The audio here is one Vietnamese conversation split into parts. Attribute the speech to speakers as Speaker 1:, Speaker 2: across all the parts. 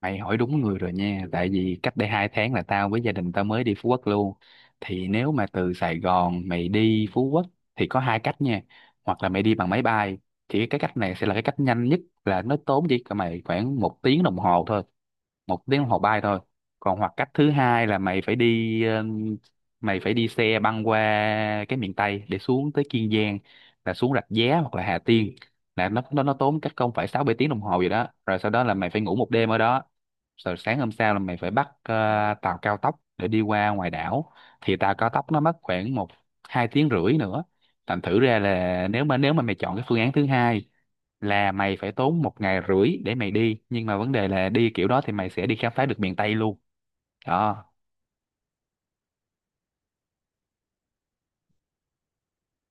Speaker 1: Mày hỏi đúng người rồi nha, tại vì cách đây 2 tháng là tao với gia đình tao mới đi Phú Quốc luôn. Thì nếu mà từ Sài Gòn mày đi Phú Quốc thì có hai cách nha. Hoặc là mày đi bằng máy bay, thì cái cách này sẽ là cái cách nhanh nhất, là nó tốn chỉ cho mày khoảng 1 tiếng đồng hồ thôi, 1 tiếng đồng hồ bay thôi. Còn hoặc cách thứ hai là mày phải đi mày phải đi xe băng qua cái miền Tây để xuống tới Kiên Giang, là xuống Rạch Giá hoặc là Hà Tiên, là nó tốn cách không phải 6 7 tiếng đồng hồ gì đó, rồi sau đó là mày phải ngủ 1 đêm ở đó, rồi sáng hôm sau là mày phải bắt tàu cao tốc để đi qua ngoài đảo. Thì tàu cao tốc nó mất khoảng 1 2 tiếng rưỡi nữa. Thành thử ra là nếu mà mày chọn cái phương án thứ hai là mày phải tốn 1 ngày rưỡi để mày đi, nhưng mà vấn đề là đi kiểu đó thì mày sẽ đi khám phá được miền Tây luôn đó.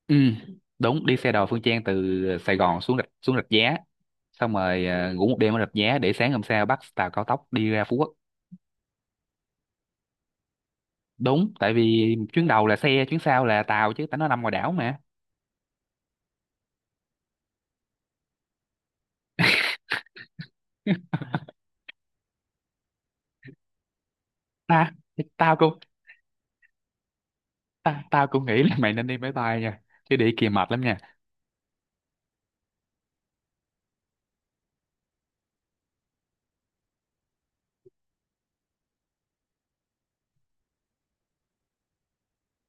Speaker 1: Ừ, đúng, đi xe đò Phương Trang từ Sài Gòn xuống Rạch Giá, xong rồi ngủ 1 đêm ở Rạch Giá để sáng hôm sau bắt tàu cao tốc đi ra Phú Quốc. Đúng, tại vì chuyến đầu là xe, chuyến sau là tàu chứ, tại nó nằm ngoài đảo mà. Ta thì tao cũng ta, Tao cũng nghĩ là mày nên đi máy bay nha, chứ đi kia mệt lắm nha.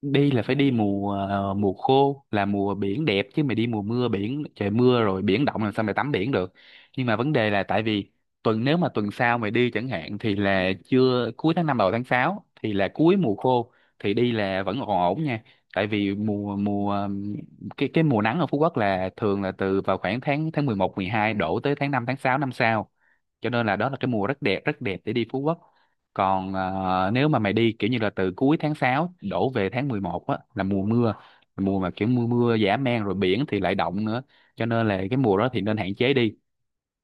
Speaker 1: Đi là phải đi mùa mùa khô, là mùa biển đẹp, chứ mày đi mùa mưa, biển trời mưa rồi biển động, làm sao mày tắm biển được. Nhưng mà vấn đề là tại vì nếu mà tuần sau mày đi chẳng hạn, thì là chưa, cuối tháng 5 đầu tháng 6 thì là cuối mùa khô, thì đi là vẫn còn ổn nha. Tại vì mùa mùa cái mùa nắng ở Phú Quốc là thường là từ vào khoảng tháng tháng 11 12 đổ tới tháng 5 tháng 6 năm sau, cho nên là đó là cái mùa rất đẹp, rất đẹp để đi Phú Quốc. Còn nếu mà mày đi kiểu như là từ cuối tháng 6 đổ về tháng 11 á, là mùa mưa, mùa mà kiểu mưa mưa dã man, rồi biển thì lại động nữa, cho nên là cái mùa đó thì nên hạn chế đi.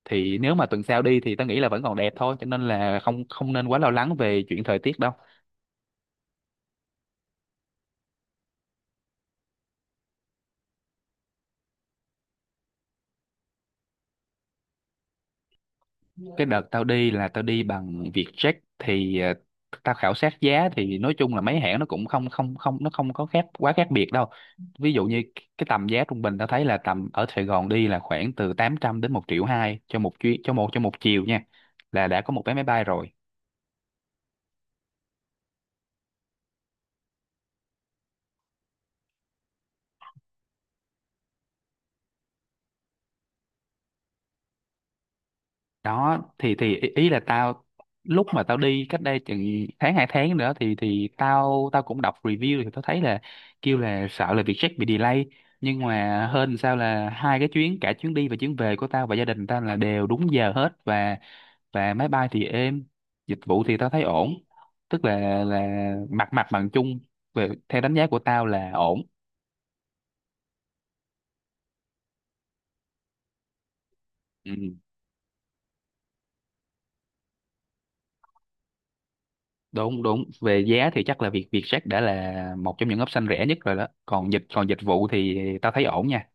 Speaker 1: Thì nếu mà tuần sau đi thì tao nghĩ là vẫn còn đẹp thôi, cho nên là không không nên quá lo lắng về chuyện thời tiết đâu. Cái đợt tao đi là tao đi bằng Vietjet. Thì tao khảo sát giá thì nói chung là mấy hãng nó cũng không không không nó không có khác, quá khác biệt đâu. Ví dụ như cái tầm giá trung bình tao thấy là tầm ở Sài Gòn đi là khoảng từ 800 đến 1,2 triệu cho một chuyến, cho cho một chiều nha, là đã có một vé máy bay rồi đó. Thì ý ý là tao, lúc mà tao đi cách đây chừng tháng hai tháng nữa, thì tao tao cũng đọc review thì tao thấy là kêu là sợ là Vietjet bị delay. Nhưng mà hên sao là hai cái chuyến, cả chuyến đi và chuyến về của tao và gia đình tao là đều đúng giờ hết. Và máy bay thì êm, dịch vụ thì tao thấy ổn. Tức là mặt mặt bằng chung, về theo đánh giá của tao là ổn. Ừ. Đúng, đúng, về giá thì chắc là việc Vietjet đã là một trong những option rẻ nhất rồi đó. Còn dịch vụ thì tao thấy ổn nha.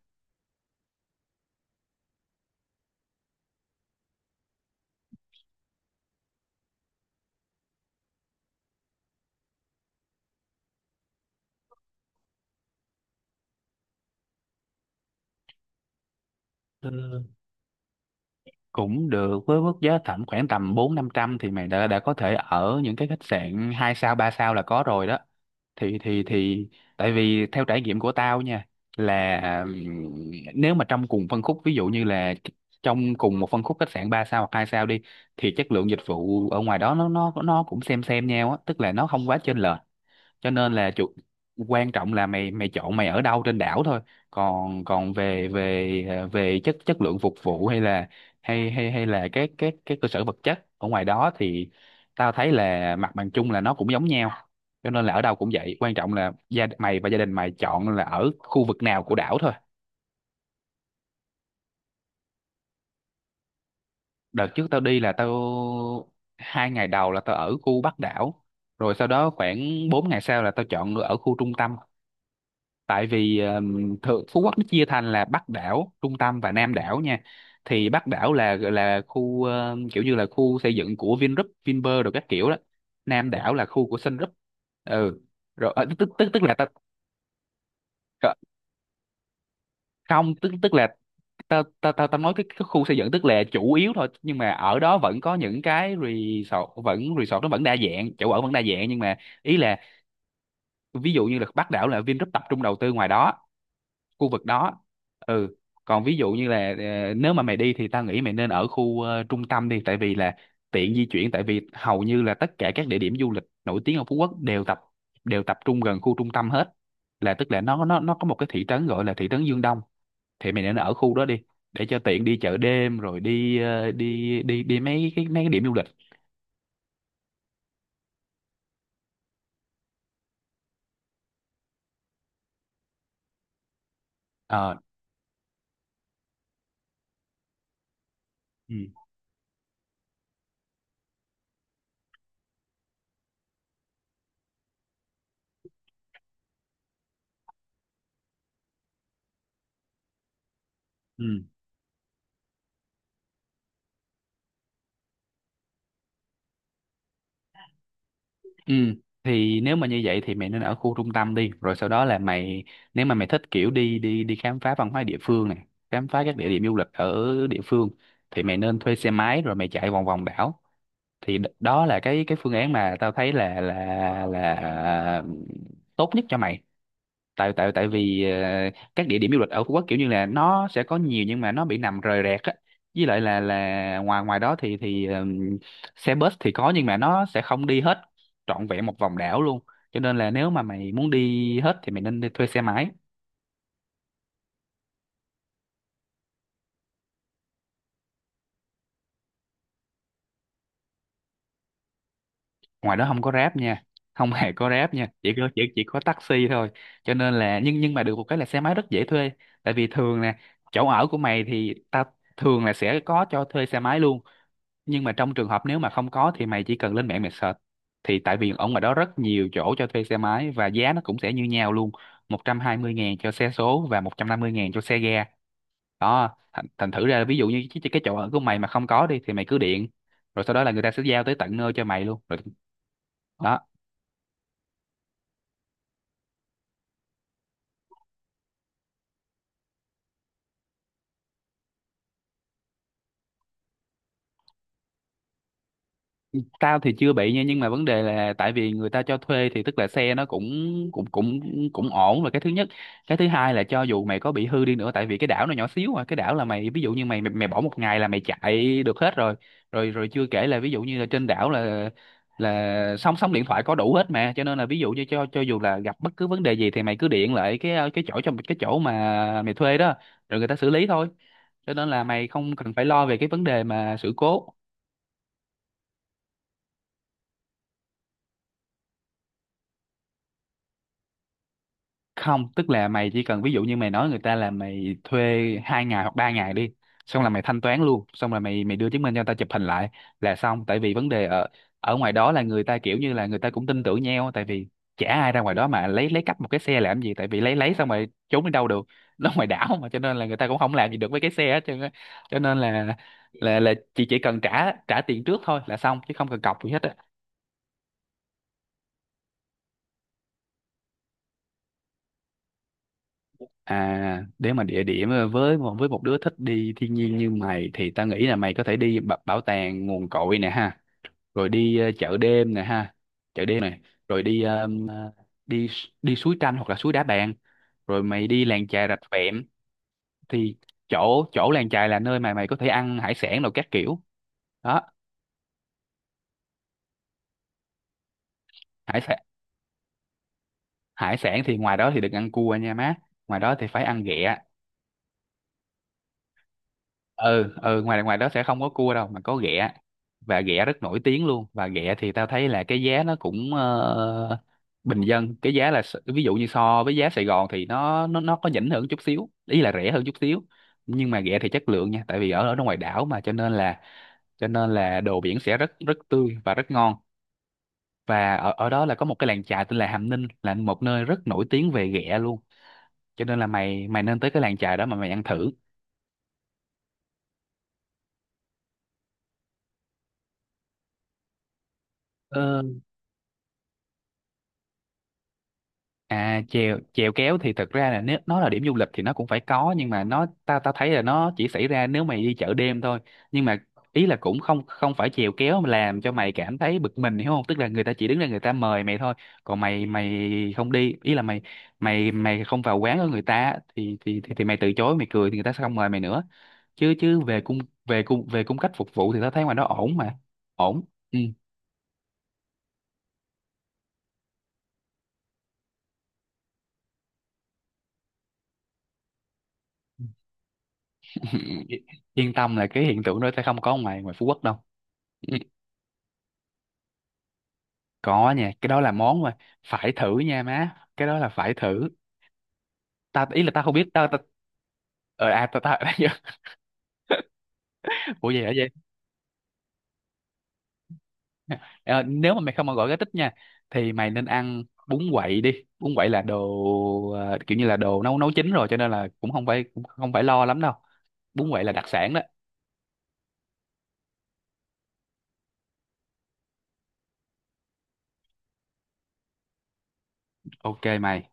Speaker 1: Cũng được, với mức giá tầm khoảng tầm bốn năm trăm thì mày đã có thể ở những cái khách sạn hai sao ba sao là có rồi đó. Thì tại vì theo trải nghiệm của tao nha, là nếu mà trong cùng phân khúc, ví dụ như là trong cùng một phân khúc khách sạn 3 sao hoặc 2 sao đi, thì chất lượng dịch vụ ở ngoài đó nó cũng xem nhau á, tức là nó không quá chênh lệch. Cho nên là quan trọng là mày mày chọn mày ở đâu trên đảo thôi. Còn còn về về à, về chất chất lượng phục vụ, hay là hay hay hay là các cơ sở vật chất ở ngoài đó, thì tao thấy là mặt bằng chung là nó cũng giống nhau. Cho nên là ở đâu cũng vậy, quan trọng là mày và gia đình mày chọn là ở khu vực nào của đảo thôi. Đợt trước tao đi là tao, 2 ngày đầu là tao ở khu Bắc đảo, rồi sau đó khoảng 4 ngày sau là tao chọn ở khu trung tâm. Tại vì thượng Phú Quốc nó chia thành là Bắc đảo, Trung tâm và Nam đảo nha. Thì Bắc đảo là khu kiểu như là khu xây dựng của Vingroup, Vinpearl rồi các kiểu đó. Nam đảo là khu của Sun Group. Ừ. Rồi ờ, tức tức tức là ta ờ, không tức tức là ta ta ta, ta nói cái khu xây dựng tức là chủ yếu thôi, nhưng mà ở đó vẫn có những cái resort, vẫn resort, nó vẫn đa dạng, chỗ ở vẫn đa dạng. Nhưng mà ý là ví dụ như là Bắc đảo là Vingroup tập trung đầu tư ngoài đó, khu vực đó. Ừ, còn ví dụ như là nếu mà mày đi thì tao nghĩ mày nên ở khu trung tâm đi, tại vì là tiện di chuyển, tại vì hầu như là tất cả các địa điểm du lịch nổi tiếng ở Phú Quốc đều đều tập trung gần khu trung tâm hết. Là tức là nó có một cái thị trấn gọi là thị trấn Dương Đông, thì mày nên ở khu đó đi, để cho tiện đi chợ đêm rồi đi đi mấy cái điểm du lịch. Ờ, ừ, ừ. Ừ, thì nếu mà như vậy thì mày nên ở khu trung tâm đi, rồi sau đó là mày, nếu mà mày thích kiểu đi đi đi khám phá văn hóa địa phương này, khám phá các địa điểm du lịch ở địa phương, thì mày nên thuê xe máy rồi mày chạy vòng vòng đảo. Thì đó là cái phương án mà tao thấy là là à, tốt nhất cho mày. Tại tại tại vì các địa điểm du lịch ở Phú Quốc kiểu như là nó sẽ có nhiều, nhưng mà nó bị nằm rời rạc á. Với lại là ngoài ngoài đó thì xe bus thì có, nhưng mà nó sẽ không đi hết trọn vẹn một vòng đảo luôn. Cho nên là nếu mà mày muốn đi hết thì mày nên đi thuê xe máy. Ngoài đó không có Grab nha, không hề có Grab nha, chỉ có chỉ có taxi thôi. Cho nên là nhưng mà được một cái là xe máy rất dễ thuê. Tại vì thường nè, chỗ ở của mày thì thường là sẽ có cho thuê xe máy luôn. Nhưng mà trong trường hợp nếu mà không có thì mày chỉ cần lên mạng mày search. Thì tại vì ở ngoài đó rất nhiều chỗ cho thuê xe máy và giá nó cũng sẽ như nhau luôn, 120.000 cho xe số và 150.000 cho xe ga đó. Thành thử ra ví dụ như cái chỗ ở của mày mà không có đi thì mày cứ điện, rồi sau đó là người ta sẽ giao tới tận nơi cho mày luôn rồi đó. Tao thì chưa bị nha, nhưng mà vấn đề là tại vì người ta cho thuê thì tức là xe nó cũng cũng ổn, là cái thứ nhất. Cái thứ hai là cho dù mày có bị hư đi nữa, tại vì cái đảo nó nhỏ xíu mà, cái đảo là mày, ví dụ như mày mày, mày bỏ 1 ngày là mày chạy được hết rồi. Rồi chưa kể là ví dụ như là trên đảo là sóng sóng điện thoại có đủ hết mà, cho nên là ví dụ như cho dù là gặp bất cứ vấn đề gì thì mày cứ điện lại cái chỗ, trong cái chỗ mà mày thuê đó, rồi người ta xử lý thôi. Cho nên là mày không cần phải lo về cái vấn đề mà sự cố. Không, tức là mày chỉ cần ví dụ như mày nói người ta là mày thuê hai ngày hoặc ba ngày đi, xong là mày thanh toán luôn, xong là mày mày đưa chứng minh cho người ta chụp hình lại là xong. Tại vì vấn đề ở ở ngoài đó là người ta kiểu như là người ta cũng tin tưởng nhau, tại vì chả ai ra ngoài đó mà lấy cắp một cái xe làm gì, tại vì lấy xong rồi trốn đi đâu được nó ngoài đảo mà, cho nên là người ta cũng không làm gì được với cái xe hết trơn á. Cho nên là là chị chỉ cần trả trả tiền trước thôi là xong, chứ không cần cọc gì hết á. À, nếu mà địa điểm với một đứa thích đi thiên nhiên như mày thì tao nghĩ là mày có thể bảo tàng Nguồn Cội nè ha, rồi đi chợ đêm nè ha, chợ đêm này, rồi đi đi s- đi suối Tranh hoặc là suối Đá Bàn, rồi mày đi làng chài Rạch Vẹm thì chỗ chỗ làng chài là nơi mà mày có thể ăn hải sản rồi các kiểu. Đó, hải sản hải sản thì ngoài đó thì đừng ăn cua nha má, ngoài đó thì phải ăn ghẹ. Ừ ừ, ngoài ngoài đó sẽ không có cua đâu mà có ghẹ, và ghẹ rất nổi tiếng luôn. Và ghẹ thì tao thấy là cái giá nó cũng bình dân, cái giá là ví dụ như so với giá Sài Gòn thì nó nó có nhỉnh hơn chút xíu, ý là rẻ hơn chút xíu, nhưng mà ghẹ thì chất lượng nha. Tại vì ở ở ngoài đảo mà cho nên là đồ biển sẽ rất rất tươi và rất ngon. Và ở ở đó là có một cái làng chài tên là Hàm Ninh, là một nơi rất nổi tiếng về ghẹ luôn, cho nên là mày mày nên tới cái làng chài đó mà mày ăn thử. Ờ, à, chèo chèo kéo thì thật ra là nếu nó là điểm du lịch thì nó cũng phải có, nhưng mà nó ta ta thấy là nó chỉ xảy ra nếu mày đi chợ đêm thôi. Nhưng mà ý là cũng không không phải chèo kéo mà làm cho mày cảm thấy bực mình, hiểu không? Tức là người ta chỉ đứng ra người ta mời mày thôi, còn mày mày không đi, ý là mày mày mày không vào quán của người ta thì thì mày từ chối, mày cười thì người ta sẽ không mời mày nữa. Chứ Chứ về cung về cung về cung cách phục vụ thì tao thấy ngoài đó ổn mà. Ổn. Ừ. Yên tâm là cái hiện tượng đó sẽ không có ngoài ngoài Phú Quốc đâu. Ừ. Có nha, cái đó là món mà phải thử nha má, cái đó là phải thử. Ta ý là ta không biết, ờ à ta ta Ủa vậy hả vậy? Ờ, nếu mà mày không mà gọi cái tích nha thì mày nên ăn bún quậy đi. Bún quậy là đồ kiểu như là đồ nấu nấu chín rồi, cho nên là cũng không phải lo lắm đâu. Bún quậy là đặc sản đó. OK mày.